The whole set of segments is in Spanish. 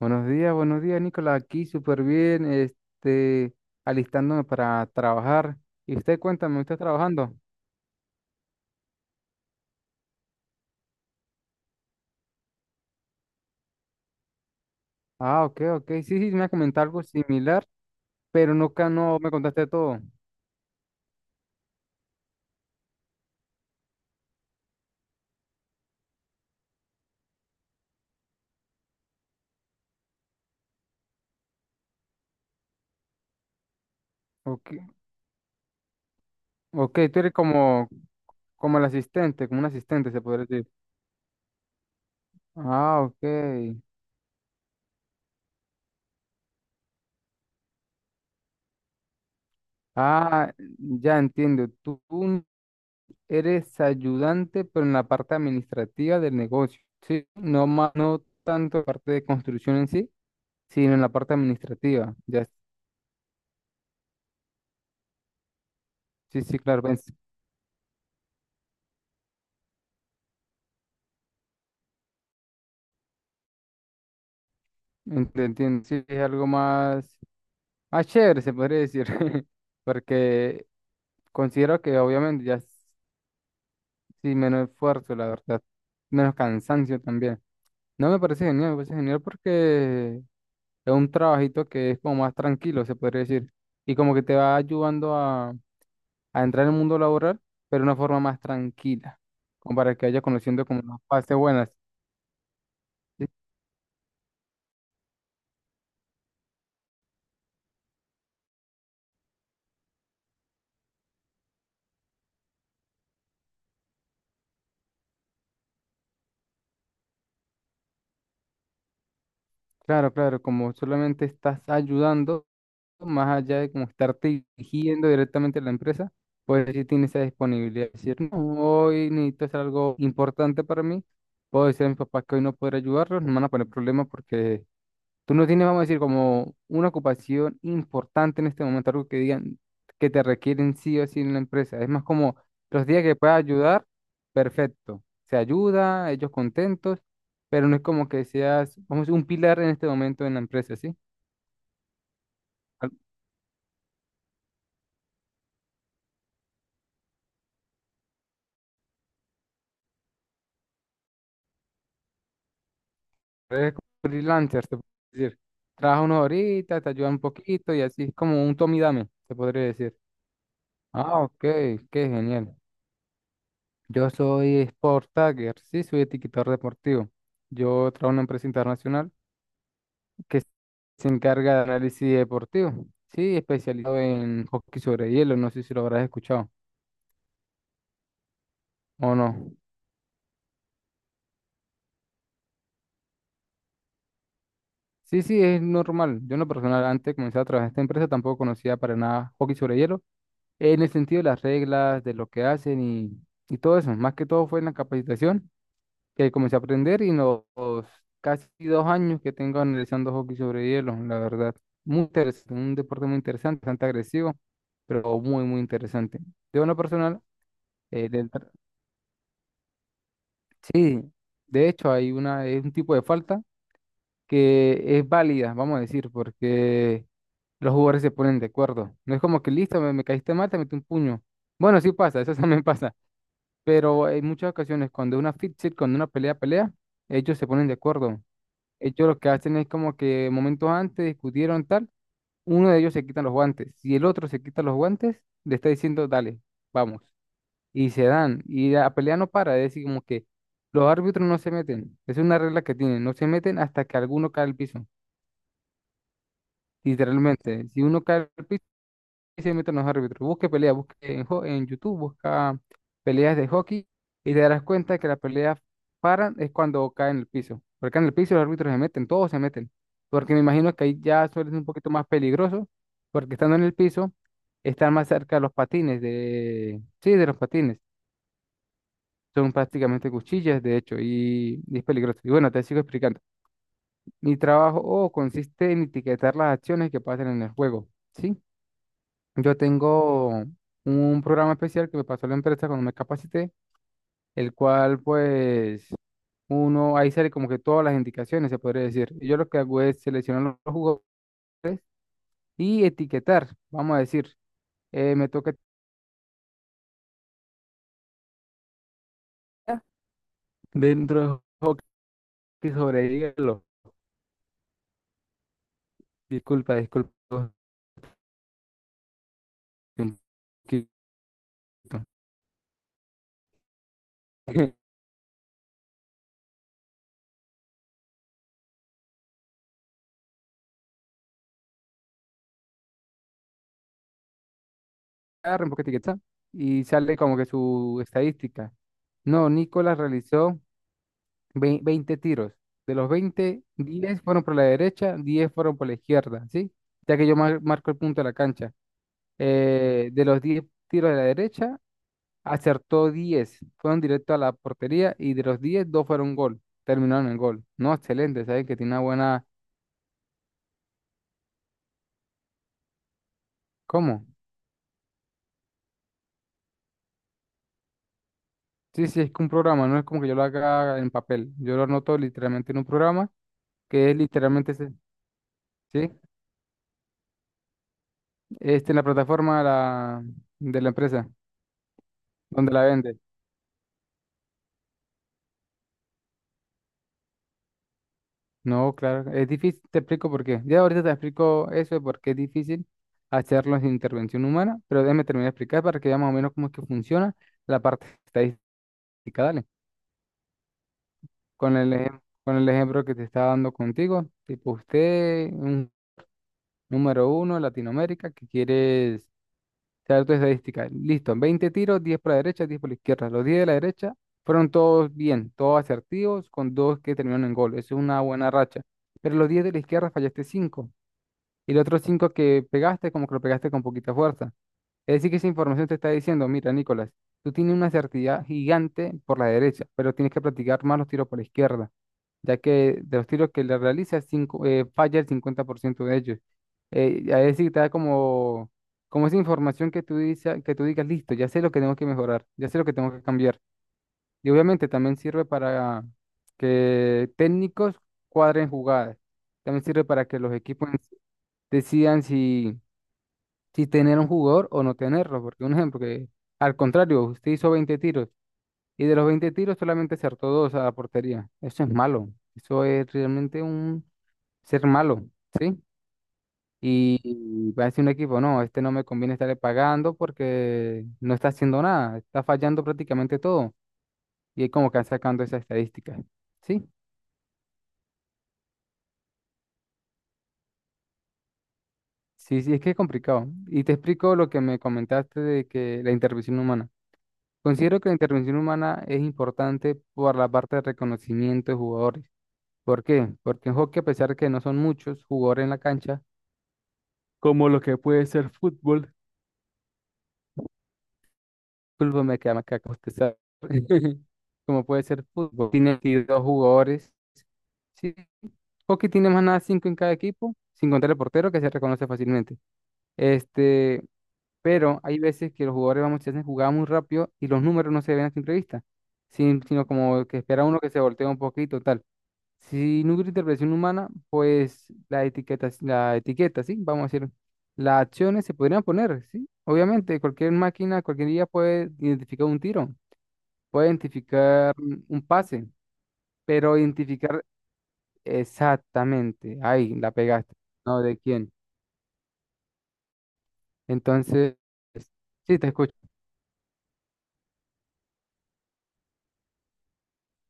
Buenos días, Nicolás. Aquí súper bien, alistándome para trabajar. Y usted cuéntame, ¿usted trabajando? Ah, ok, ok. Sí, sí, me ha algo similar, pero nunca no me contaste todo. Ok, ok, tú eres como, como el asistente, como un asistente, se podría decir. Ah, ok. Ah, ya entiendo. Eres ayudante, pero en la parte administrativa del negocio. Sí, no más, no tanto parte de construcción en sí. Sí, en la parte administrativa. Ya, sí, sí, claro, entiendo. Sí, es algo más, más chévere, se podría decir. Porque considero que sí, menos esfuerzo, la verdad. Menos cansancio también. No me parece genial, me parece genial porque es un trabajito que es como más tranquilo, se podría decir. Y como que te va ayudando a entrar en el mundo laboral, pero de una forma más tranquila. Como para que vayas conociendo como las fases buenas. Claro, claro, como solamente estás ayudando, más allá de como estarte dirigiendo directamente a la empresa, pues si tienes esa disponibilidad de decir, no, hoy necesito hacer algo importante para mí, puedo decir a mis papás que hoy no podré ayudarlos, no me van a poner problemas porque tú no tienes, vamos a decir, como una ocupación importante en este momento, algo que digan que te requieren sí o sí en la empresa. Es más como los días que puedas ayudar, perfecto. Se ayuda, ellos contentos, pero no es como que seas, vamos a decir, un pilar en este momento en la empresa, ¿sí? Al revés, como freelancer, se puede decir. Trabaja uno ahorita, te ayuda un poquito y así es como un tome y dame, se podría decir. Ah, ok, qué genial. Yo soy Sport Tagger, sí, soy etiquetador deportivo. Yo trabajo en una empresa internacional que se encarga de análisis deportivo, sí, especializado en hockey sobre hielo, no sé si lo habrás escuchado o no. Sí, sí, es normal. Yo en lo personal, antes de comenzar a trabajar en esta empresa, tampoco conocía para nada hockey sobre hielo, en el sentido de las reglas, de lo que hacen y todo eso. Más que todo fue en la capacitación que comencé a aprender y en los casi 2 años que tengo analizando hockey sobre hielo, la verdad. Muy interesante, un deporte muy interesante, bastante agresivo, pero muy, muy interesante. De una personal, del tra- Sí, de hecho hay una, es un tipo de falta que es válida, vamos a decir, porque los jugadores se ponen de acuerdo. No es como que listo, me caíste mal, te metí un puño. Bueno, sí pasa, eso también pasa. Pero en muchas ocasiones, cuando es una fight, cuando una pelea, pelea, ellos se ponen de acuerdo. Ellos lo que hacen es como que momentos antes discutieron tal, uno de ellos se quita los guantes. Si el otro se quita los guantes, le está diciendo, dale, vamos. Y se dan. Y la pelea no para, es decir, como que los árbitros no se meten. Es una regla que tienen, no se meten hasta que alguno cae al piso. Literalmente, si uno cae al piso, y se meten los árbitros. Busque peleas, busque en, en YouTube, busca peleas de hockey y te darás cuenta que las peleas paran es cuando caen en el piso. Porque caen en el piso los árbitros se meten, todos se meten. Porque me imagino que ahí ya suele ser un poquito más peligroso, porque estando en el piso, están más cerca de los patines, de... sí, de los patines. Son prácticamente cuchillas, de hecho, y es peligroso. Y bueno, te sigo explicando. Mi trabajo consiste en etiquetar las acciones que pasan en el juego, ¿sí? Yo tengo un programa especial que me pasó la empresa cuando me capacité, el cual pues uno ahí sale como que todas las indicaciones, se podría decir. Y yo lo que hago es seleccionar los jugos y etiquetar, vamos a decir, me toca etiquetar dentro del juego que sobrevive los- Disculpa, disculpa. Un poquito. Agarra un poco etiqueta y sale como que su estadística. No, Nicolás realizó 20 tiros. De los 20 10 fueron por la derecha, 10 fueron por la izquierda, ¿sí? Ya que yo marco el punto de la cancha. De los 10 tiros de la derecha, acertó 10. Fueron directo a la portería y de los 10 2 fueron gol. Terminaron en gol. No, excelente, ¿saben? Que tiene una buena... ¿Cómo? Sí, sí, es que un programa, no es como que yo lo haga en papel. Yo lo anoto literalmente en un programa que es literalmente, ese- ¿sí? Este en la plataforma de de la empresa, donde la vende. No, claro, es difícil, te explico por qué. Ya ahorita te explico eso de por qué es difícil hacerlo sin intervención humana, pero déjame terminar de explicar para que veas más o menos cómo es que funciona la parte estadística. Dale, con el con el ejemplo que te estaba dando contigo, tipo usted, un número uno, Latinoamérica, que quieres saber tu estadística. Listo, 20 tiros, 10 por la derecha, 10 por la izquierda. Los 10 de la derecha fueron todos bien, todos asertivos, con dos que terminaron en gol. Eso es una buena racha. Pero los 10 de la izquierda fallaste 5. Y los otros 5 que pegaste, como que lo pegaste con poquita fuerza. Es decir, que esa información te está diciendo, mira, Nicolás, tú tienes una certidumbre gigante por la derecha, pero tienes que practicar más los tiros por la izquierda, ya que de los tiros que le realizas, 5, falla el 50% de ellos. Y a decir, te da como, como esa información que tú dices, que tú digas, listo, ya sé lo que tengo que mejorar, ya sé lo que tengo que cambiar. Y obviamente también sirve para que técnicos cuadren jugadas. También sirve para que los equipos en sí decidan si tener un jugador o no tenerlo. Porque un ejemplo que, al contrario, usted hizo 20 tiros y de los 20 tiros solamente acertó dos a la portería. Eso es malo. Eso es realmente un ser malo, ¿sí? Y y va a decir un equipo, no, este no me conviene estarle pagando porque no está haciendo nada, está fallando prácticamente todo. Y es como que van sacando esas estadísticas, ¿sí? Sí, sí, es que es complicado. Y te explico lo que me comentaste de que la intervención humana. Considero que la intervención humana es importante por la parte de reconocimiento de jugadores. ¿Por qué? Porque en hockey, a pesar que no son muchos jugadores en la cancha, como lo que puede ser fútbol, fútbol me queda más caca, usted sabe, como puede ser fútbol, tiene 22 jugadores. Sí, hockey tiene más nada 5 en cada equipo, sin contar el portero que se reconoce fácilmente. Este, pero hay veces que los jugadores vamos se hacen jugadas muy rápido y los números no se ven a simple vista, sino como que espera uno que se voltee un poquito, tal. Si no hubiera interpretación humana, pues la etiqueta, ¿sí? Vamos a decir, las acciones se podrían poner, ¿sí? Obviamente, cualquier máquina, cualquier día puede identificar un tiro, puede identificar un pase, pero identificar exactamente, ahí la pegaste, ¿no? ¿De quién? Entonces, sí, te escucho.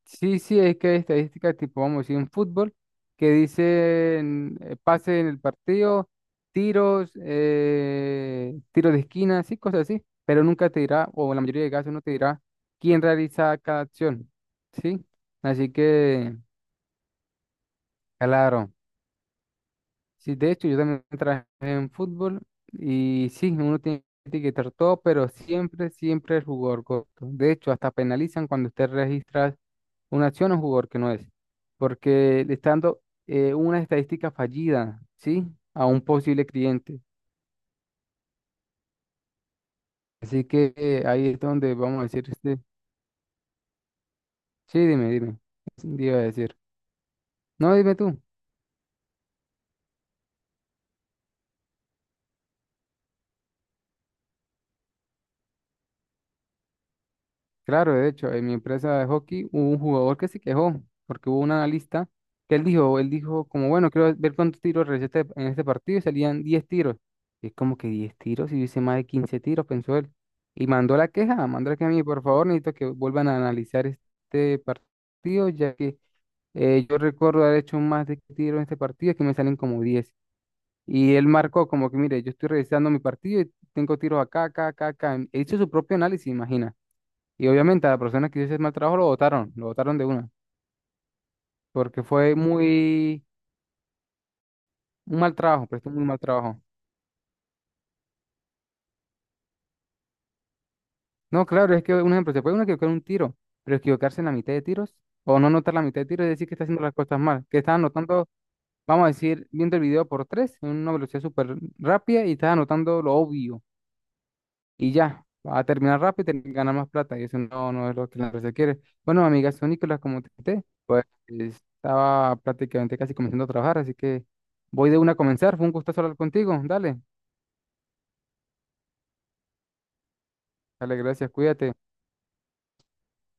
Sí, sí, es que hay estadísticas tipo, vamos a decir, en fútbol, que dicen pase en el partido, tiros, tiros de esquina, así, cosas así, pero nunca te dirá, o en la mayoría de casos no te dirá quién realiza cada acción, ¿sí? Así que, claro, sí, de hecho, yo también trabajé en fútbol y sí, uno tiene que etiquetar todo, pero siempre, siempre el jugador corto. De hecho, hasta penalizan cuando usted registra una acción a un jugador que no es, porque le está dando una estadística fallida, ¿sí? A un posible cliente. Así que ahí es donde vamos a decir, este- sí, dime, dime, ¿qué iba a decir? No, dime tú. Claro, de hecho, en mi empresa de hockey hubo un jugador que se quejó, porque hubo un analista que él dijo como, bueno, quiero ver cuántos tiros realicé en este partido y salían 10 tiros. Y es como que 10 tiros, y yo hice más de 15 tiros, pensó él. Y mandó la queja a mí, por favor, necesito que vuelvan a analizar este partido, ya que yo recuerdo haber hecho más de tiros en este partido, que me salen como 10. Y él marcó como que, mire, yo estoy revisando mi partido y tengo tiros acá, acá, acá, acá. Él hizo su propio análisis, imagina. Y obviamente a la persona que hizo ese mal trabajo lo votaron de una, porque fue muy, un mal trabajo, prestó muy mal trabajo. No, claro, es que un ejemplo, se puede uno equivocar en un tiro, pero equivocarse en la mitad de tiros o no anotar la mitad de tiros es decir que está haciendo las cosas mal, que está anotando, vamos a decir, viendo el video por tres en una velocidad súper rápida y está anotando lo obvio, y ya, va a terminar rápido y ganar más plata. Y eso no, no es lo que la empresa quiere. Bueno, amiga, soy Nicolás, como te conté, pues estaba prácticamente casi comenzando a trabajar, así que voy de una a comenzar. Fue un gusto hablar contigo. Dale, dale, gracias, cuídate.